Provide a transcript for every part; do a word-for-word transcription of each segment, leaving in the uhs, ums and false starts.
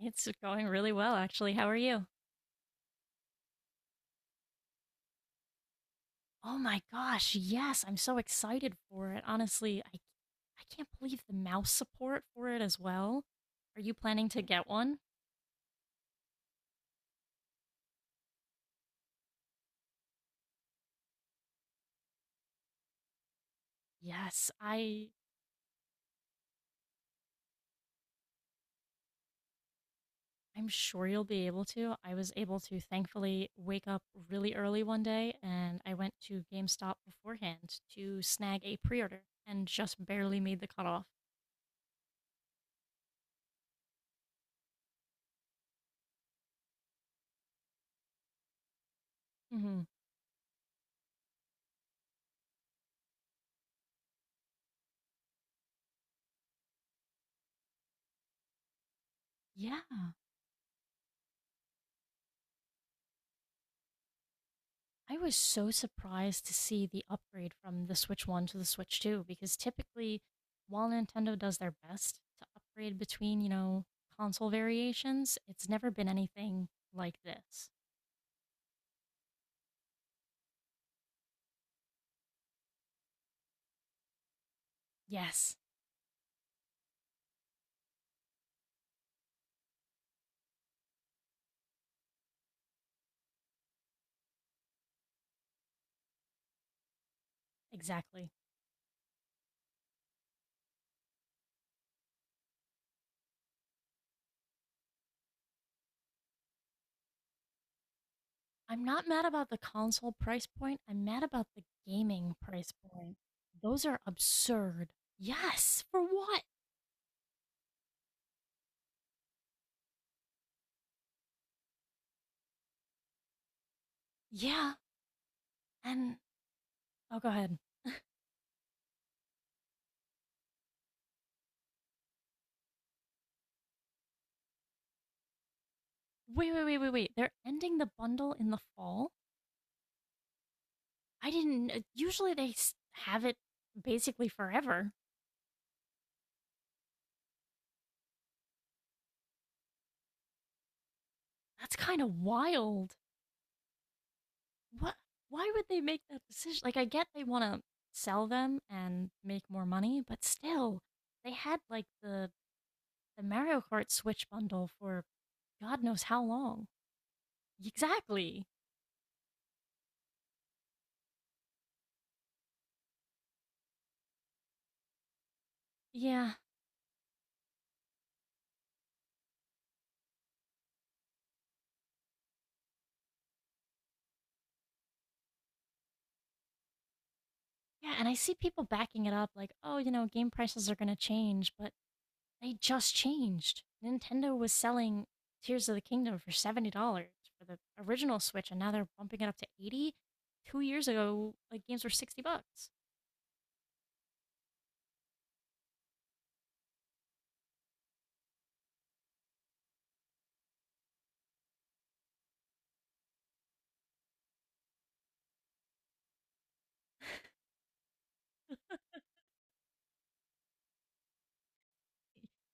It's going really well, actually. How are you? Oh my gosh, yes, I'm so excited for it. Honestly, I I can't believe the mouse support for it as well. Are you planning to get one? Yes, I I'm sure you'll be able to. I was able to thankfully wake up really early one day and I went to GameStop beforehand to snag a pre-order and just barely made the cutoff. Mhm. Yeah. I was so surprised to see the upgrade from the Switch one to the Switch two because typically, while Nintendo does their best to upgrade between, you know, console variations, it's never been anything like this. Yes, exactly. I'm not mad about the console price point, I'm mad about the gaming price point. Those are absurd. Yes, for what? Yeah, and oh, go ahead. Wait, wait, wait, wait, wait. They're ending the bundle in the fall? I didn't. uh, Usually they have it basically forever. That's kind of wild. What? Why would they make that decision? Like, I get they want to sell them and make more money, but still, they had like the the Mario Kart Switch bundle for God knows how long. Exactly. Yeah. Yeah. And I see people backing it up, like, oh, you know, game prices are going to change, but they just changed. Nintendo was selling Tears of the Kingdom for seventy dollars for the original Switch, and now they're bumping it up to eighty dollars. Two years ago, like games were sixty bucks.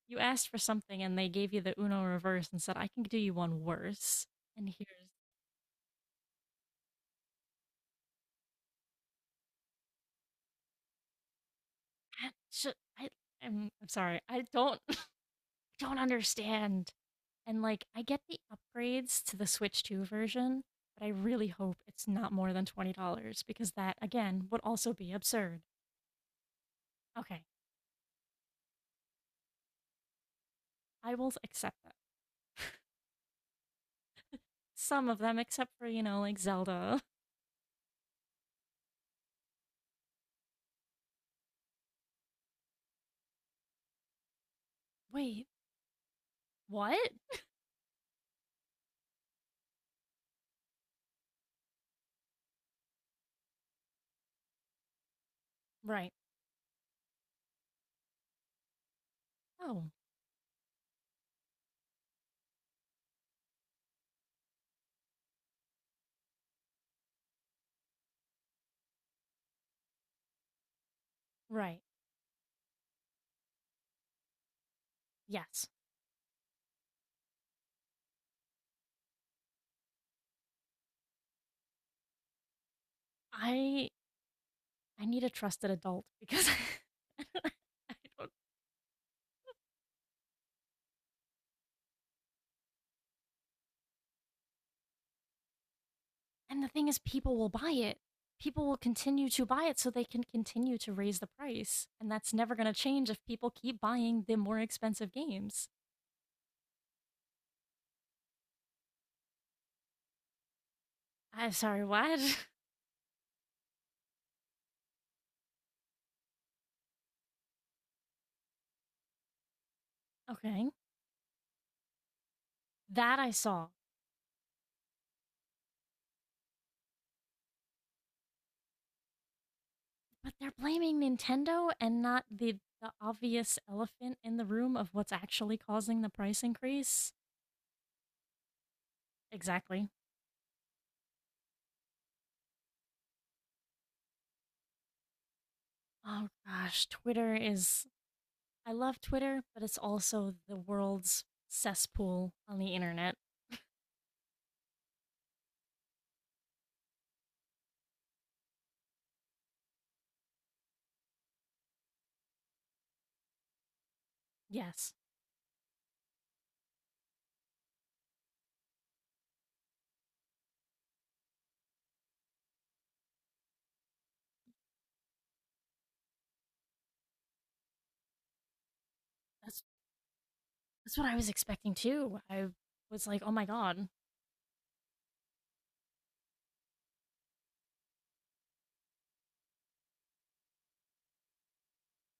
You asked for something, and they gave you the Uno reverse and said, I can do you one worse. And here's that. Ju- I, I'm, I'm sorry. I don't, I don't understand. And like, I get the upgrades to the Switch two version, but I really hope it's not more than twenty dollars because that, again, would also be absurd. Okay, I will accept that. Some of them, except for, you know, like Zelda. Wait, what? Right. Oh, right. Yes. I I need a trusted adult because I don't. And the thing is people will buy it. People will continue to buy it so they can continue to raise the price. And that's never going to change if people keep buying the more expensive games. I'm sorry, what? Okay. That I saw. But they're blaming Nintendo and not the the obvious elephant in the room of what's actually causing the price increase. Exactly. Oh gosh, Twitter is I love Twitter, but it's also the world's cesspool on the internet. Yes. That's that's what I was expecting too. I was like, "Oh my god.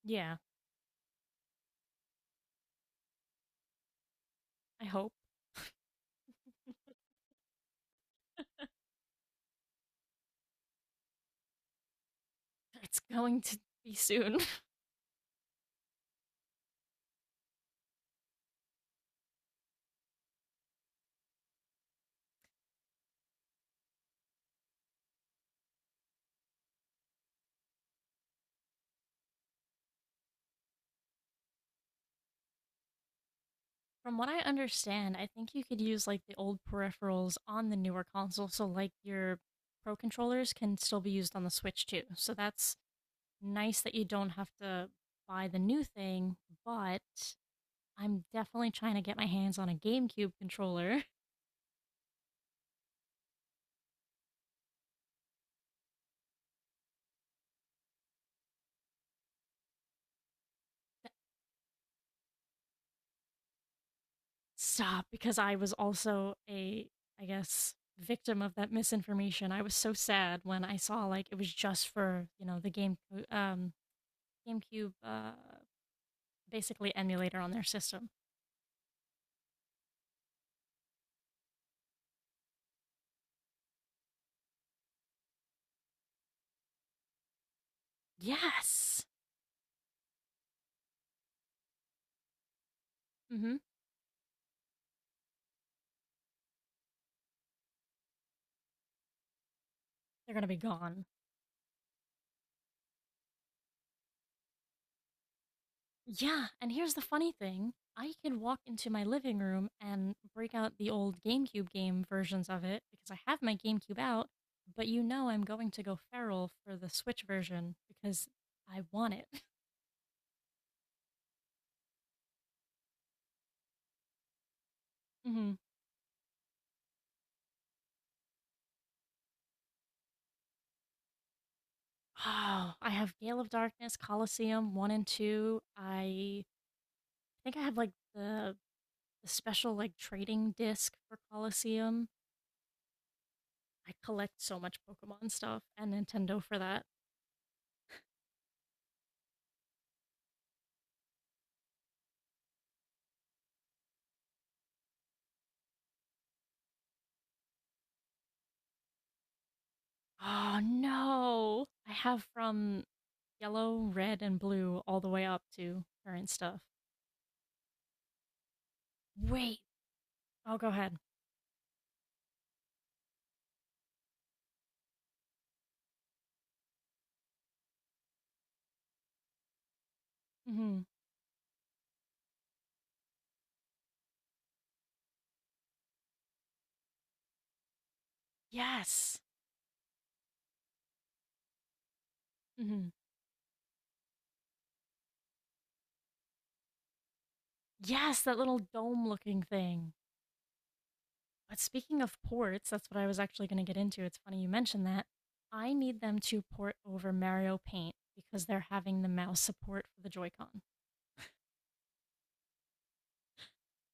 Yeah, I hope it's going to be soon." From what I understand, I think you could use like the old peripherals on the newer console, so like your pro controllers can still be used on the Switch too. So that's nice that you don't have to buy the new thing, but I'm definitely trying to get my hands on a GameCube controller. Stop, because I was also a, I guess, victim of that misinformation. I was so sad when I saw like it was just for, you know, the game um GameCube uh basically emulator on their system. Yes. Hmm. They're going to be gone. Yeah. And here's the funny thing I can walk into my living room and break out the old GameCube game versions of it because I have my GameCube out, but you know I'm going to go feral for the Switch version because I want it. Hmm. Oh, I have Gale of Darkness, Coliseum one and two. I think I have like the, the special like trading disc for Coliseum. I collect so much Pokemon stuff and Nintendo for that. Oh no! I have from yellow, red, and blue all the way up to current stuff. Wait. Oh, go ahead. Hmm. Yes. Hmm. Yes, that little dome looking thing. But speaking of ports, that's what I was actually going to get into. It's funny you mentioned that. I need them to port over Mario Paint because they're having the mouse support for the Joy-Con.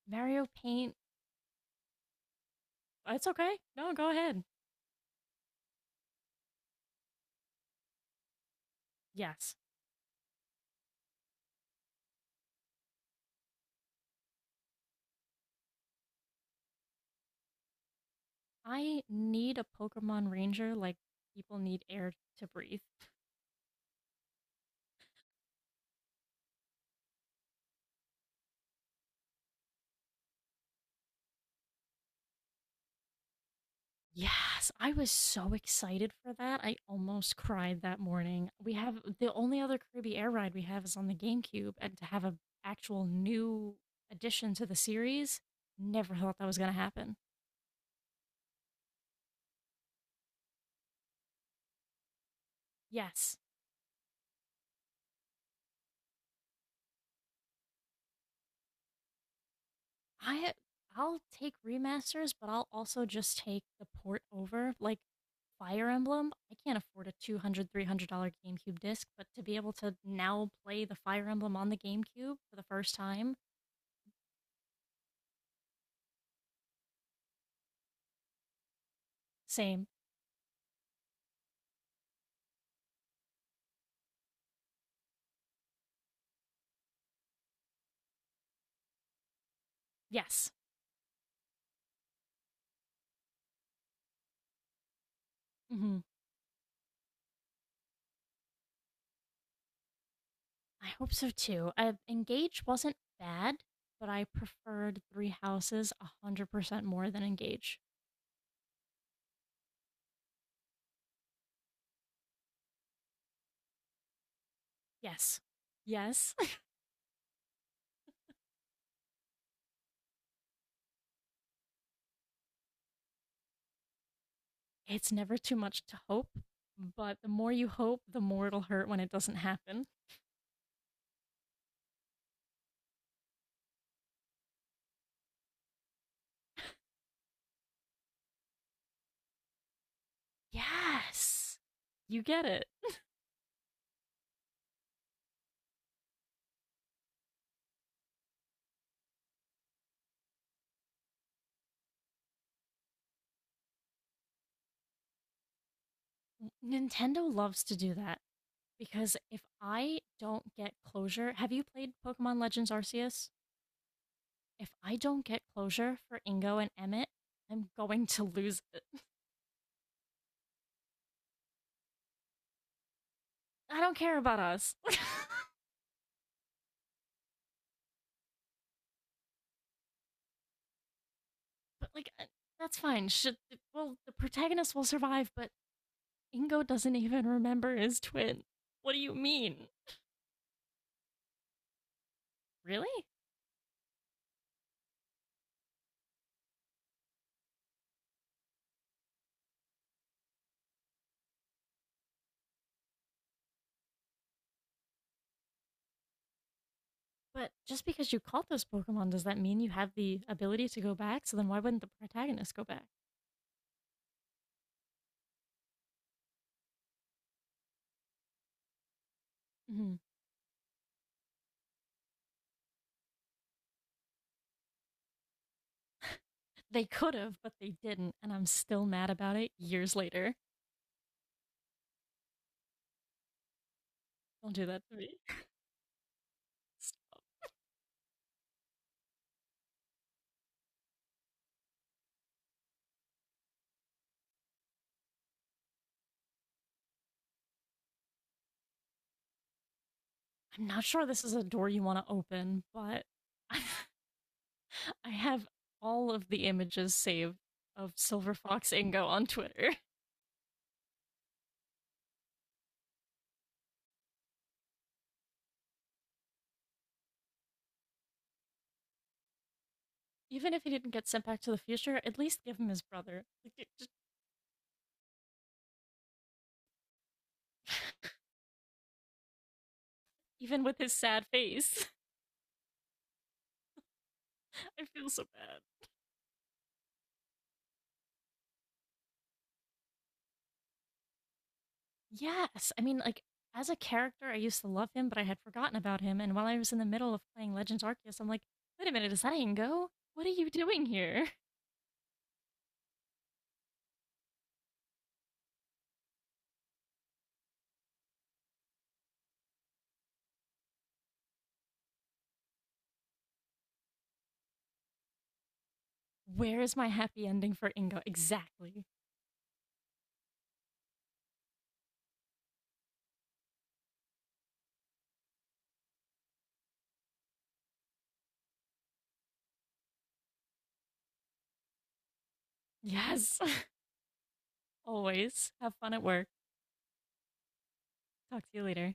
Mario Paint, it's okay. No, go ahead. Yes. I need a Pokemon Ranger like people need air to breathe. Yes, I was so excited for that. I almost cried that morning. We have the only other Kirby Air ride we have is on the GameCube, and to have an actual new addition to the series, never thought that was going to happen. Yes. I I'll take remasters, but I'll also just take the port over. Like Fire Emblem, I can't afford a two hundred dollars three hundred dollars GameCube disc, but to be able to now play the Fire Emblem on the GameCube for the first time, same. Yes. Hmm. I hope so too. Uh, Engage wasn't bad, but I preferred Three Houses one hundred percent more than Engage. Yes. Yes. It's never too much to hope, but the more you hope, the more it'll hurt when it doesn't happen. Yes. You get it. Nintendo loves to do that because if I don't get closure, have you played Pokemon Legends Arceus? If I don't get closure for Ingo and Emmett, I'm going to lose it. I don't care about us. But like uh, that's fine. Should Well the protagonist will survive, but Ingo doesn't even remember his twin. What do you mean? Really? But just because you caught those Pokemon, does that mean you have the ability to go back? So then why wouldn't the protagonist go back? Mhm. They could have, but they didn't, and I'm still mad about it years later. Don't do that to me. I'm not sure this is a door you want to open, but I have all of the images saved of Silver Fox Ingo on Twitter. Even if he didn't get sent back to the future, at least give him his brother. Like, just- even with his sad face, I feel so bad. Yes. I mean, like, as a character, I used to love him, but I had forgotten about him. And while I was in the middle of playing Legends Arceus, I'm like, wait a minute, is that Ingo? What are you doing here? Where is my happy ending for Ingo? Exactly. Yes. Always. Have fun at work. Talk to you later.